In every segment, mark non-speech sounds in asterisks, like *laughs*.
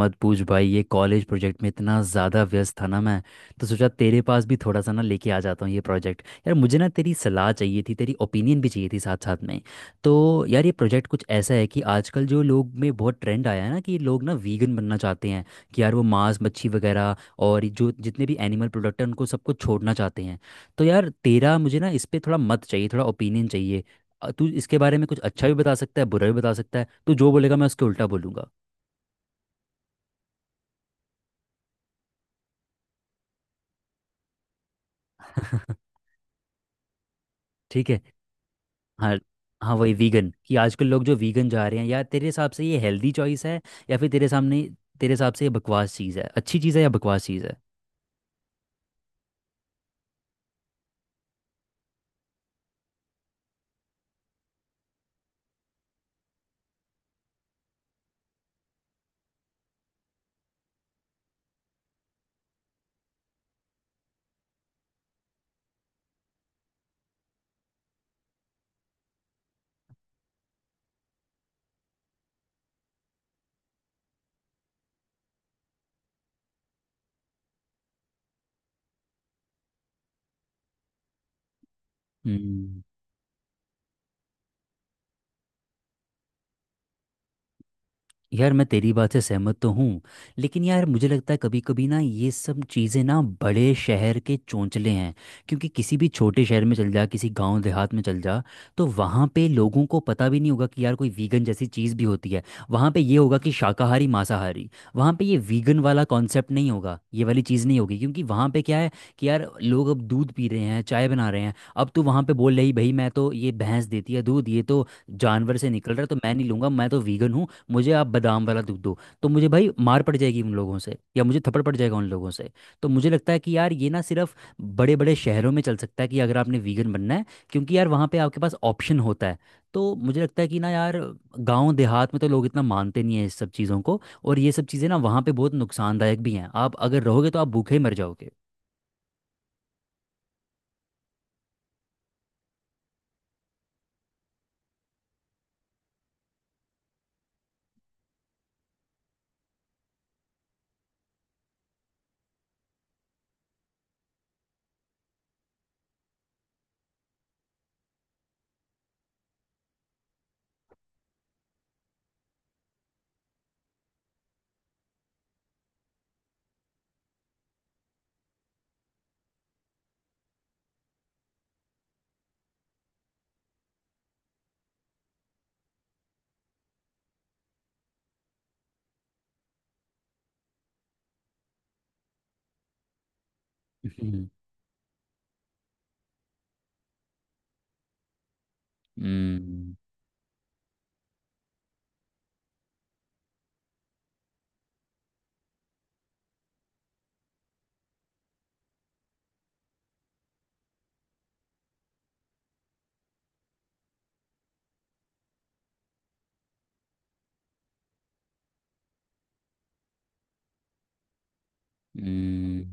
मत पूछ भाई। ये कॉलेज प्रोजेक्ट में इतना ज़्यादा व्यस्त था ना मैं। तो सोचा तेरे पास भी थोड़ा सा ना लेके आ जाता हूँ ये प्रोजेक्ट। यार मुझे ना तेरी सलाह चाहिए थी, तेरी ओपिनियन भी चाहिए थी साथ साथ में। तो यार ये प्रोजेक्ट कुछ ऐसा है कि आजकल जो लोग में बहुत ट्रेंड आया है ना कि लोग ना वीगन बनना चाहते हैं। कि यार वो मांस मच्छी वगैरह और जो जितने भी एनिमल प्रोडक्ट हैं उनको सबको छोड़ना चाहते हैं। तो यार तेरा मुझे ना इस पे थोड़ा मत चाहिए, थोड़ा ओपिनियन चाहिए। तू इसके बारे में कुछ अच्छा भी बता सकता है, बुरा भी बता सकता है। तू जो बोलेगा मैं उसके उल्टा बोलूँगा। *laughs* ठीक है। हाँ। हाँ वही वीगन कि आजकल लोग जो वीगन जा रहे हैं, यार तेरे हिसाब से ये हेल्दी चॉइस है? या फिर तेरे सामने, तेरे हिसाब से ये बकवास चीज़ है? अच्छी चीज़ है या बकवास चीज़ है? हम्म। यार मैं तेरी बात से सहमत तो हूँ। लेकिन यार मुझे लगता है कभी कभी ना ये सब चीज़ें ना बड़े शहर के चोंचले हैं। क्योंकि किसी भी छोटे शहर में चल जा, किसी गांव देहात में चल जा। तो वहाँ पे लोगों को पता भी नहीं होगा कि यार कोई वीगन जैसी चीज़ भी होती है। वहाँ पे ये होगा कि शाकाहारी मांसाहारी। वहाँ पे ये वीगन वाला कॉन्सेप्ट नहीं होगा, ये वाली चीज़ नहीं होगी, क्योंकि वहाँ पे क्या है? कि यार लोग अब दूध पी रहे हैं, चाय बना रहे हैं। अब तू वहाँ पे बोल रही, भाई मैं तो ये भैंस देती है दूध, ये तो जानवर से निकल रहा है, तो मैं नहीं लूँगा, मैं तो वीगन हूँ। मुझे आप बादाम वाला दूध दो तो मुझे भाई मार पड़ जाएगी उन लोगों से, या मुझे थप्पड़ पड़ जाएगा उन लोगों से। तो मुझे लगता है कि यार ये ना सिर्फ बड़े बड़े शहरों में चल सकता है कि अगर आपने वीगन बनना है। क्योंकि यार वहाँ पे आपके पास ऑप्शन होता है। तो मुझे लगता है कि ना यार, गांव देहात में तो लोग इतना मानते नहीं है इस सब चीज़ों को। और ये सब चीज़ें ना वहाँ पे बहुत नुकसानदायक भी हैं, आप अगर रहोगे तो आप भूखे ही मर जाओगे। *laughs* हम्म, हम्म, हम्म,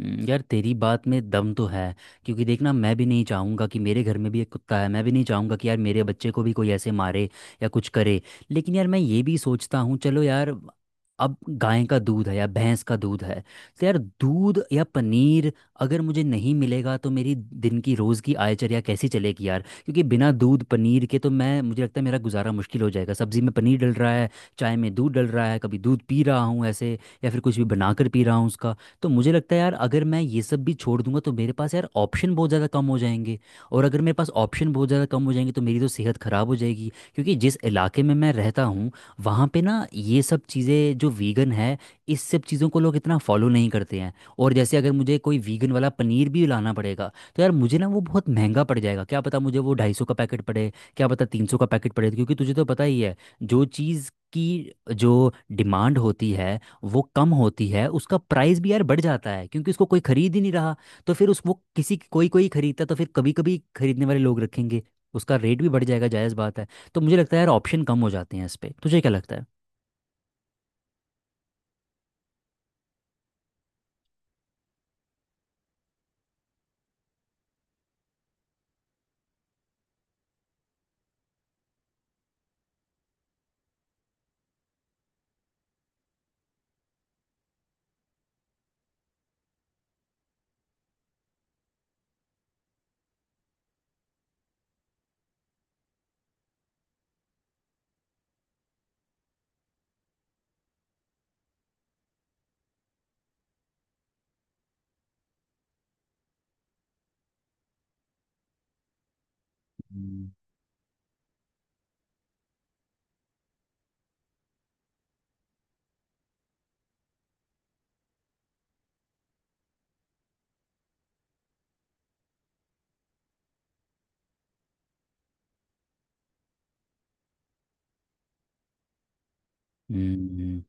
हम्म। यार तेरी बात में दम तो है। क्योंकि देखना, मैं भी नहीं चाहूँगा कि मेरे घर में भी एक कुत्ता है, मैं भी नहीं चाहूँगा कि यार मेरे बच्चे को भी कोई ऐसे मारे या कुछ करे। लेकिन यार मैं ये भी सोचता हूँ चलो यार, अब गाय का दूध है या भैंस का दूध है, तो यार दूध या पनीर अगर मुझे नहीं मिलेगा तो मेरी दिन की रोज़ की आयचर्या कैसी चलेगी यार, क्योंकि बिना दूध पनीर के तो मैं मुझे लगता है मेरा गुजारा मुश्किल हो जाएगा। सब्जी में पनीर डल रहा है, चाय में दूध डल रहा है, कभी दूध पी रहा हूँ ऐसे, या फिर कुछ भी बनाकर पी रहा हूँ उसका। तो मुझे लगता है यार अगर मैं ये सब भी छोड़ दूंगा तो मेरे पास यार ऑप्शन बहुत ज़्यादा कम हो जाएंगे। और अगर मेरे पास ऑप्शन बहुत ज़्यादा कम हो जाएंगे तो मेरी तो सेहत ख़राब हो जाएगी, क्योंकि जिस इलाके में मैं रहता हूँ वहाँ पे ना ये सब चीज़ें जो वीगन है, इस सब चीज़ों को लोग इतना फॉलो नहीं करते हैं। और जैसे अगर मुझे कोई वीगन वाला पनीर भी लाना पड़ेगा तो यार मुझे ना वो बहुत महंगा पड़ जाएगा। क्या पता मुझे वो 250 का पैकेट पड़े, क्या पता 300 का पैकेट पड़े, क्योंकि तुझे तो पता ही है। जो चीज़ की जो डिमांड होती है वो कम होती है, उसका प्राइस भी यार बढ़ जाता है, क्योंकि उसको कोई खरीद ही नहीं रहा। तो फिर उस वो किसी कोई कोई खरीदता, तो फिर कभी कभी खरीदने वाले लोग रखेंगे। उसका रेट भी बढ़ जाएगा, जायज़ बात है। तो मुझे लगता है यार ऑप्शन कम हो जाते हैं, इस पे तुझे क्या लगता है? हम्म। हम्म।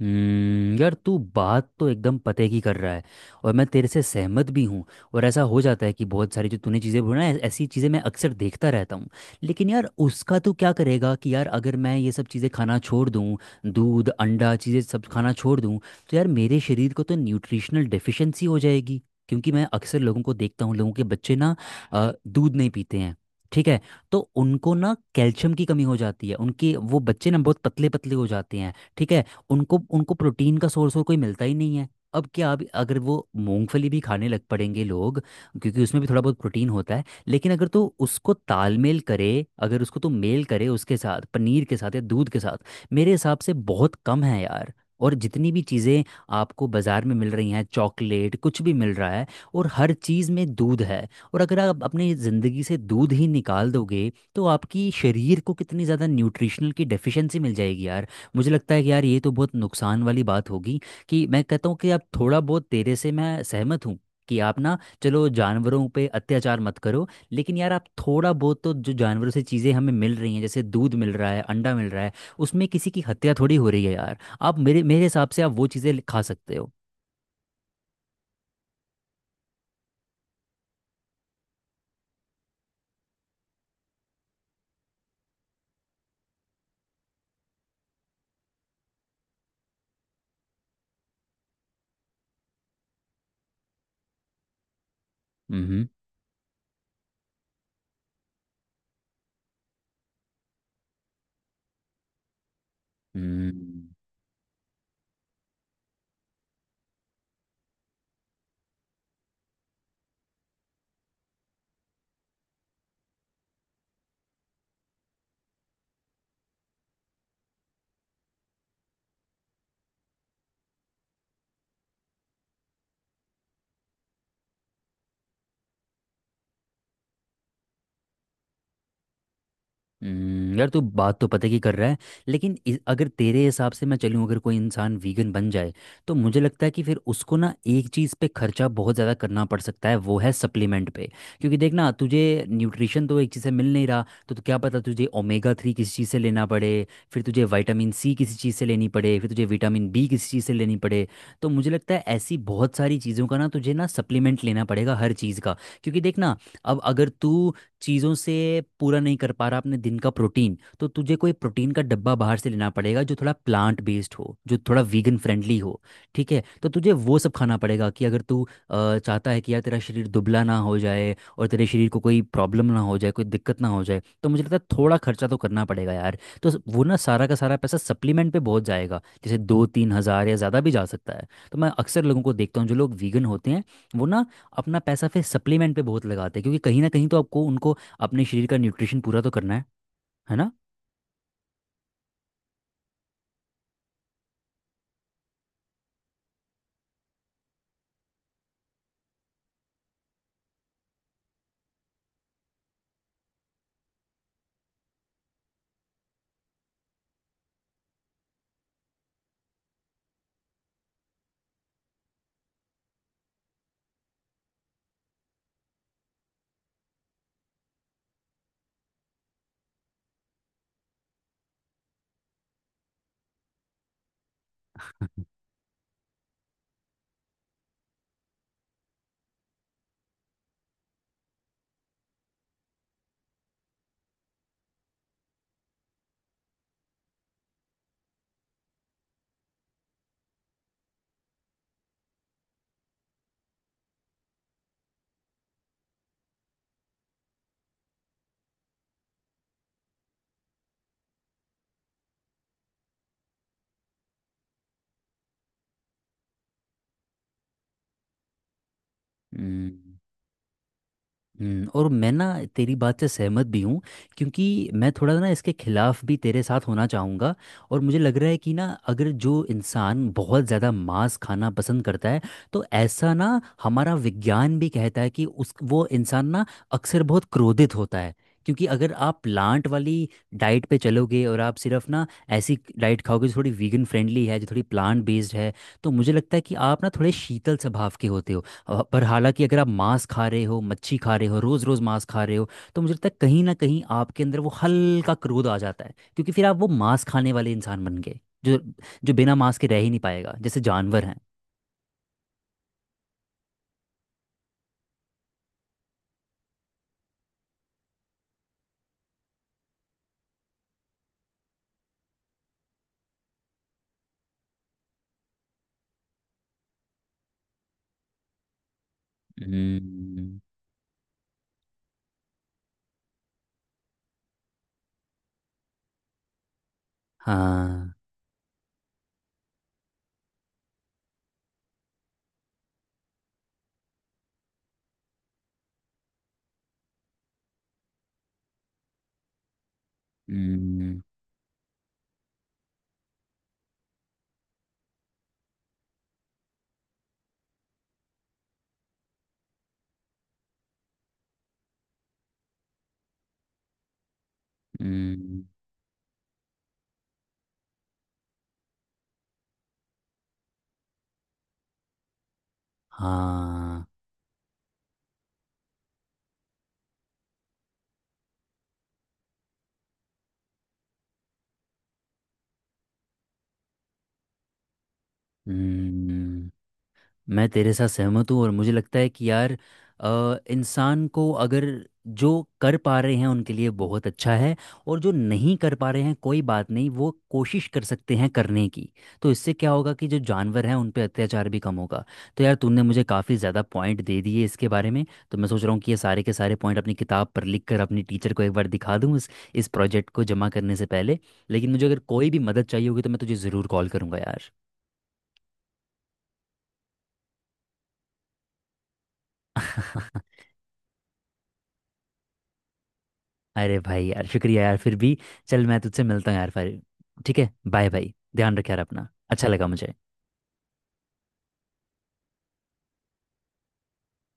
हम्म। यार तू बात तो एकदम पते की कर रहा है। और मैं तेरे से सहमत भी हूँ। और ऐसा हो जाता है कि बहुत सारी जो तूने चीज़ें बोला ना ऐसी चीज़ें मैं अक्सर देखता रहता हूँ। लेकिन यार उसका तू क्या करेगा कि यार अगर मैं ये सब चीज़ें खाना छोड़ दूँ, दूध अंडा चीज़ें सब खाना छोड़ दूँ। तो यार मेरे शरीर को तो न्यूट्रिशनल डेफिशिएंसी हो जाएगी। क्योंकि मैं अक्सर लोगों को देखता हूँ, लोगों के बच्चे ना दूध नहीं पीते हैं। ठीक है। तो उनको ना कैल्शियम की कमी हो जाती है, उनके वो बच्चे ना बहुत पतले पतले हो जाते हैं, ठीक है। उनको उनको प्रोटीन का सोर्स और कोई मिलता ही नहीं है। अब क्या, अब अगर वो मूंगफली भी खाने लग पड़ेंगे लोग, क्योंकि उसमें भी थोड़ा बहुत प्रोटीन होता है, लेकिन अगर तो उसको तालमेल करे, अगर उसको तो मेल करे उसके साथ पनीर के साथ या दूध के साथ, मेरे हिसाब से बहुत कम है यार। और जितनी भी चीज़ें आपको बाज़ार में मिल रही हैं, चॉकलेट कुछ भी मिल रहा है, और हर चीज़ में दूध है। और अगर आप अपनी ज़िंदगी से दूध ही निकाल दोगे तो आपकी शरीर को कितनी ज़्यादा न्यूट्रिशनल की डेफिशिएंसी मिल जाएगी यार। मुझे लगता है कि यार ये तो बहुत नुकसान वाली बात होगी। कि मैं कहता हूँ कि आप थोड़ा बहुत तेरे से मैं सहमत हूँ कि आप ना, चलो जानवरों पे अत्याचार मत करो, लेकिन यार आप थोड़ा बहुत तो, जो जानवरों से चीज़ें हमें मिल रही हैं, जैसे दूध मिल रहा है, अंडा मिल रहा है, उसमें किसी की हत्या थोड़ी हो रही है यार। आप मेरे मेरे हिसाब से आप वो चीज़ें खा सकते हो। हम्म। हम्म। हम्म। यार तू बात तो पते की कर रहा है। लेकिन अगर तेरे हिसाब से मैं चलूँ, अगर कोई इंसान वीगन बन जाए तो मुझे लगता है कि फिर उसको ना एक चीज़ पे खर्चा बहुत ज़्यादा करना पड़ सकता है, वो है सप्लीमेंट पे। क्योंकि देख ना, तुझे न्यूट्रिशन तो एक चीज़ से मिल नहीं रहा तो क्या पता तुझे ओमेगा 3 किसी चीज़ से लेना पड़े, फिर तुझे विटामिन सी किसी चीज़ से लेनी पड़े, फिर तुझे विटामिन बी किसी चीज़ से लेनी पड़े। तो मुझे लगता है ऐसी बहुत सारी चीज़ों का ना तुझे ना सप्लीमेंट लेना पड़ेगा हर चीज़ का। क्योंकि देख ना, अब अगर तू चीज़ों से पूरा नहीं कर पा रहा अपने दिन का प्रोटीन, तो तुझे कोई प्रोटीन का डब्बा बाहर से लेना पड़ेगा जो थोड़ा प्लांट बेस्ड हो, जो थोड़ा वीगन फ्रेंडली हो। ठीक है, तो तुझे वो सब खाना पड़ेगा कि अगर तू चाहता है कि यार तेरा शरीर दुबला ना हो जाए और तेरे शरीर को कोई प्रॉब्लम ना हो जाए, कोई दिक्कत ना हो जाए, तो मुझे लगता है थोड़ा खर्चा तो करना पड़ेगा यार। तो वो ना सारा का सारा पैसा सप्लीमेंट पे बहुत जाएगा, जैसे 2-3 हज़ार या ज़्यादा भी जा सकता है, तो मैं अक्सर लोगों को देखता हूँ जो लोग वीगन होते हैं, वो ना अपना पैसा फिर सप्लीमेंट पे बहुत लगाते हैं, क्योंकि कहीं ना कहीं तो आपको उनको अपने शरीर का न्यूट्रिशन पूरा तो करना है ना। हम्म, हम्म। और मैं ना तेरी बात से सहमत भी हूँ। क्योंकि मैं थोड़ा ना इसके खिलाफ भी तेरे साथ होना चाहूँगा। और मुझे लग रहा है कि ना अगर जो इंसान बहुत ज़्यादा मांस खाना पसंद करता है, तो ऐसा ना हमारा विज्ञान भी कहता है कि उस वो इंसान ना अक्सर बहुत क्रोधित होता है। क्योंकि अगर आप प्लांट वाली डाइट पे चलोगे और आप सिर्फ ना ऐसी डाइट खाओगे जो थोड़ी वीगन फ्रेंडली है, जो थोड़ी प्लांट बेस्ड है, तो मुझे लगता है कि आप ना थोड़े शीतल स्वभाव के होते हो। पर हालांकि अगर आप मांस खा रहे हो, मच्छी खा रहे हो, रोज़ रोज़ मांस खा रहे हो, तो मुझे लगता है कहीं ना कहीं आपके अंदर वो हल्का क्रोध आ जाता है, क्योंकि फिर आप वो मांस खाने वाले इंसान बन गए जो जो बिना मांस के रह ही नहीं पाएगा जैसे जानवर हैं। हम्म, हाँ, हम्म, हम्म, हाँ, हम्म। मैं तेरे साथ सहमत हूँ और मुझे लगता है कि यार इंसान को अगर जो कर पा रहे हैं उनके लिए बहुत अच्छा है। और जो नहीं कर पा रहे हैं कोई बात नहीं, वो कोशिश कर सकते हैं करने की। तो इससे क्या होगा कि जो जानवर हैं उन पे अत्याचार भी कम होगा। तो यार तूने मुझे काफ़ी ज़्यादा पॉइंट दे दिए इसके बारे में। तो मैं सोच रहा हूँ कि ये सारे के सारे पॉइंट अपनी किताब पर लिख कर अपनी टीचर को एक बार दिखा दूँ इस प्रोजेक्ट को जमा करने से पहले। लेकिन मुझे अगर कोई भी मदद चाहिए होगी तो मैं तुझे ज़रूर कॉल करूँगा यार। *laughs* अरे भाई यार शुक्रिया यार फिर भी। चल मैं तुझसे मिलता हूँ यार फिर। ठीक है, बाय भाई, ध्यान रखे यार अपना, अच्छा लगा मुझे।